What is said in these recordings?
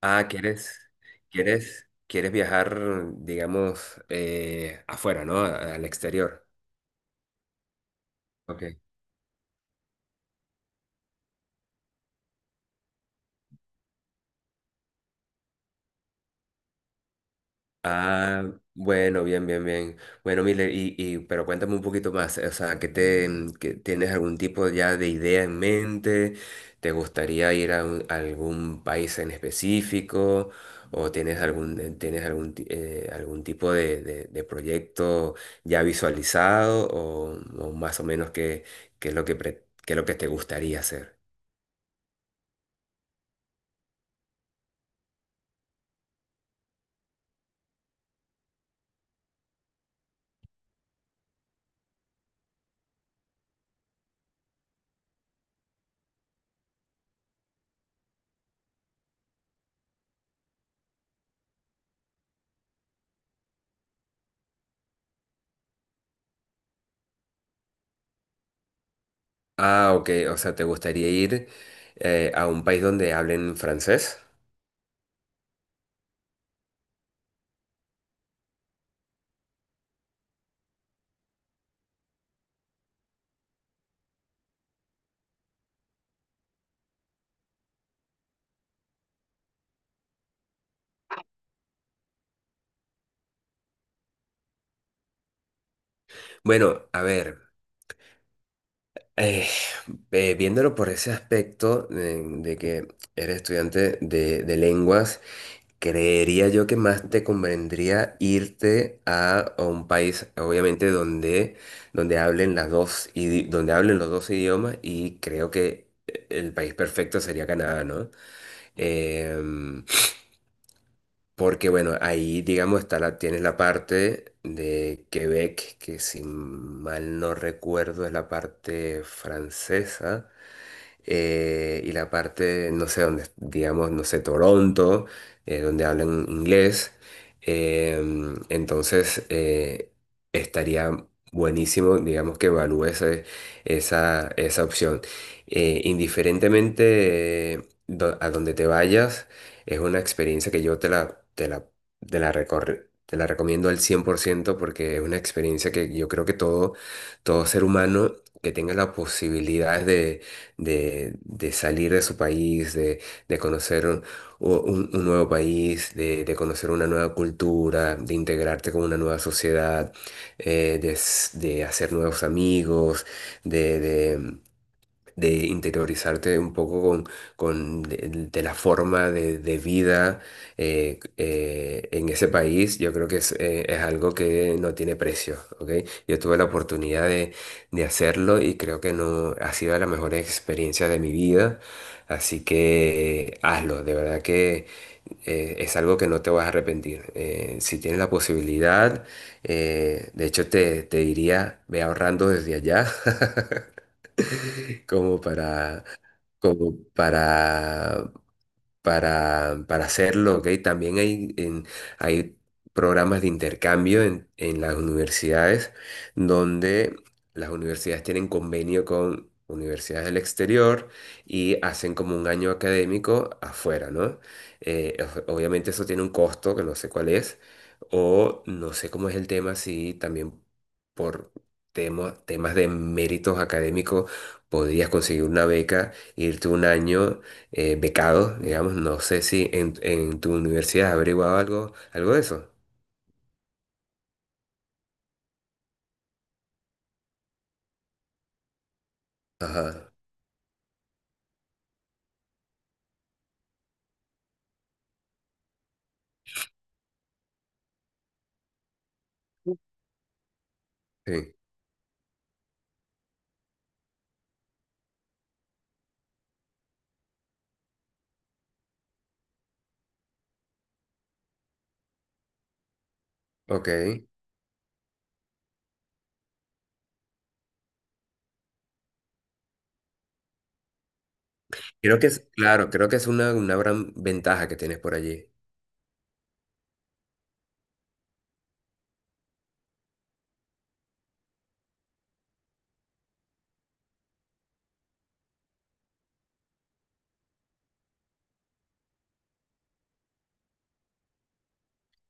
Ah, quieres viajar, digamos, afuera, ¿no? Al exterior. Ok. Ah, bueno, bien, bien, bien. Bueno, Miller, y pero cuéntame un poquito más, o sea, ¿qué te, mm, qué- ¿tienes algún tipo ya de idea en mente? ¿Te gustaría ir a algún país en específico? ¿O tienes tienes algún tipo de proyecto ya visualizado? O más o menos qué, qué es lo que, pre- qué es lo que te gustaría hacer? Ah, ok, o sea, ¿te gustaría ir a un país donde hablen francés? Bueno, a ver. Eh, Viéndolo por ese aspecto de, que eres estudiante de lenguas, creería yo que más te convendría irte a un país, obviamente, donde, donde hablen las dos, idi- donde hablen los dos idiomas, y creo que el país perfecto sería Canadá, ¿no? Em, Porque bueno, ahí digamos tienes la parte de Quebec, que si mal no recuerdo es la parte francesa y la parte, no sé, donde, digamos, no sé, Toronto, donde hablan inglés. Entonces, estaría buenísimo, digamos, que evalúes esa, esa opción. Indiferentemente a donde te vayas, es una experiencia que yo te la recomiendo al cien por ciento, porque es una experiencia que yo creo que todo, todo ser humano que tenga la posibilidad de salir de su país, de, de conocer un, un nuevo país, de conocer una nueva cultura, de integrarte con una nueva sociedad, de hacer nuevos amigos, de interiorizarte un poco con, de la forma de vida en ese país. Yo creo que es algo que no tiene precio, ¿ok? Yo tuve la oportunidad de hacerlo y creo que no ha sido la mejor experiencia de mi vida, así que hazlo, de verdad que es algo que no te vas a arrepentir. Si tienes la posibilidad, de hecho te diría, ve ahorrando desde allá. como para, como para, para hacerlo, ¿ok? Hay programas de intercambio en las universidades donde las universidades tienen convenio con universidades del exterior, y hacen como un año académico afuera, ¿no? Eh, Obviamente, eso tiene un costo que no sé cuál es, o no sé cómo es el tema, si también por... temas de méritos académicos, podrías conseguir una beca, irte un año becados, digamos. No sé si en tu universidad has averiguado algo, algo de eso. Ajá, sí, ok. Creo que es, claro, creo que es una gran ventaja que tienes por allí.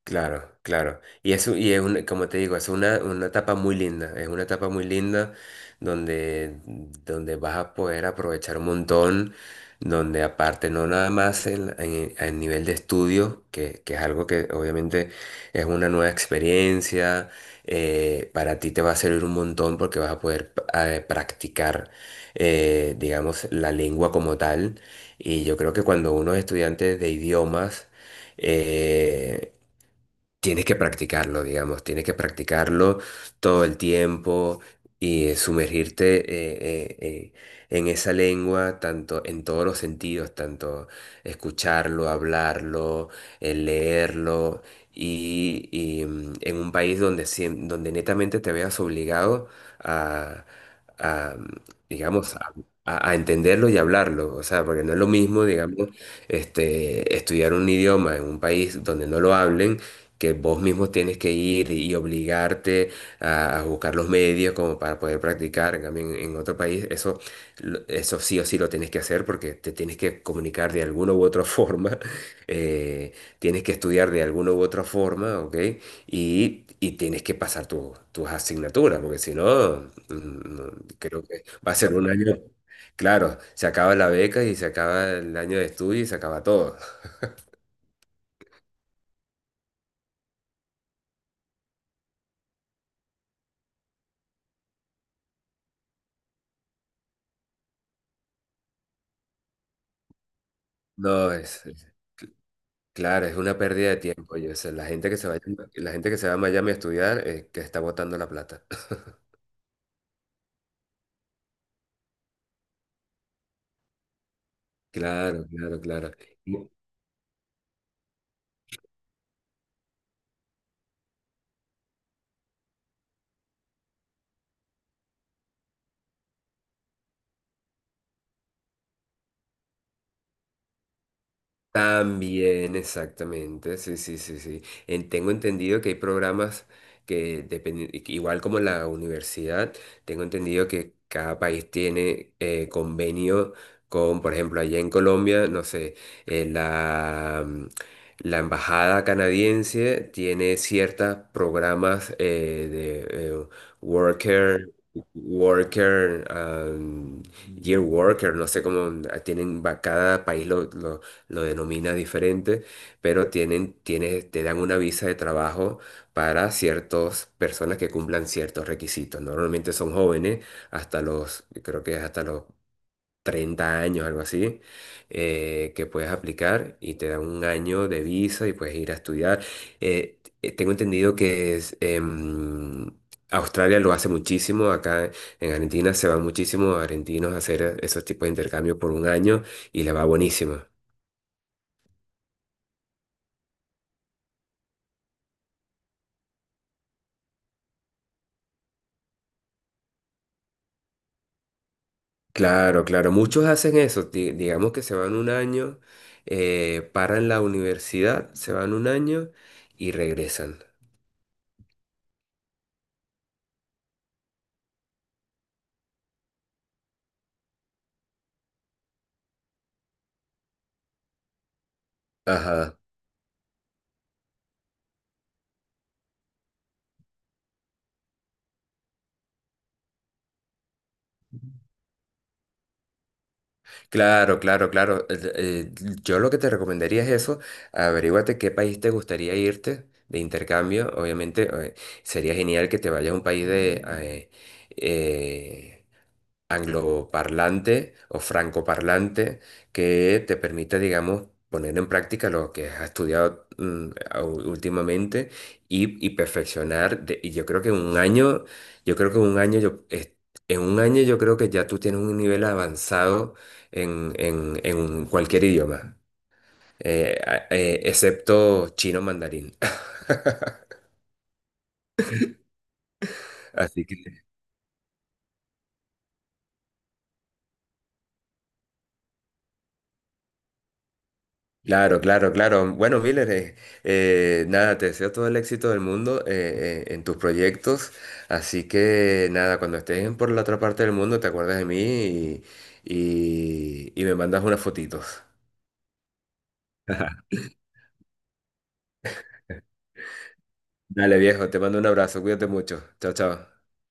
Claro, claro. Y es un... como te digo, es una etapa muy linda. Es una etapa muy linda donde, donde vas a poder aprovechar un montón, donde aparte no nada más a nivel de estudio, que es algo que obviamente es una nueva experiencia, para ti te va a servir un montón, porque vas a poder practicar, digamos, la lengua como tal. Y yo creo que cuando uno es estudiante de idiomas, eh, tienes que practicarlo, digamos, tienes que practicarlo todo el tiempo, y sumergirte en esa lengua, tanto en todos los sentidos, tanto escucharlo, hablarlo, leerlo, y en un país donde netamente te veas obligado a, a, mm, digamos, a, a entenderlo y hablarlo, o sea, porque no es lo mismo, digamos, este, estudiar un idioma en un país donde no lo hablen, que vos mismo tienes que ir y obligarte a buscar los medios como para poder practicar. En cambio, en otro país, eso, eso sí o sí lo tienes que hacer, porque te tienes que comunicar de alguna u otra forma, eh, tienes que estudiar de alguna u otra forma, ¿ok? Y tienes que pasar tus asignaturas, porque si no, no, creo que va a ser un año. Claro, se acaba la beca y se acaba el año de estudio y se acaba todo. No, es. Claro, es una pérdida de tiempo. Oye, o sea, la gente que se vaya, la gente que se va a Miami a estudiar, que está botando la plata. Claro, claro, claro. También, exactamente, sí, sí, sí, sí. Tengo entendido que hay programas que dependen, igual como la universidad, tengo entendido que cada país tiene convenio con, por ejemplo, allá en Colombia, no sé, eh, la, mm, la embajada canadiense tiene ciertos programas de worker. Worker, Year Worker, no sé cómo ah, tienen, cada país lo denomina diferente, pero tiene, te dan una visa de trabajo para ciertas personas que cumplan ciertos requisitos. Normalmente son jóvenes, hasta los, creo que es hasta los 30 años, algo así, que puedes aplicar y te dan un año de visa y puedes ir a estudiar. Tengo entendido que Australia lo hace muchísimo, acá en Argentina se van muchísimos argentinos a hacer esos tipos de intercambios por un año y les va buenísimo. Claro, claro, muchos hacen eso, digamos que se van un año, paran la universidad, se van un año y regresan. Ajá. Claro, claro, claro. Yo lo que te recomendaría es eso, averíguate qué país te gustaría irte de intercambio. Obviamente, sería genial que te vayas a un país eh, angloparlante o francoparlante, que te permita, digamos, poner en práctica lo que has estudiado últimamente, y perfeccionar. Y yo creo que en un año, yo creo que en un año yo, es- en un año yo creo que ya tú tienes un nivel avanzado en cualquier idioma, excepto chino mandarín. Así que claro, claro, claro. Bueno, Miller, nada, te deseo todo el éxito del mundo en tus proyectos. Así que nada, cuando estés en por la otra parte del mundo, te acuerdas de mí y me mandas unas fotitos. Dale, viejo, te mando un abrazo, cuídate mucho. Chao, chao.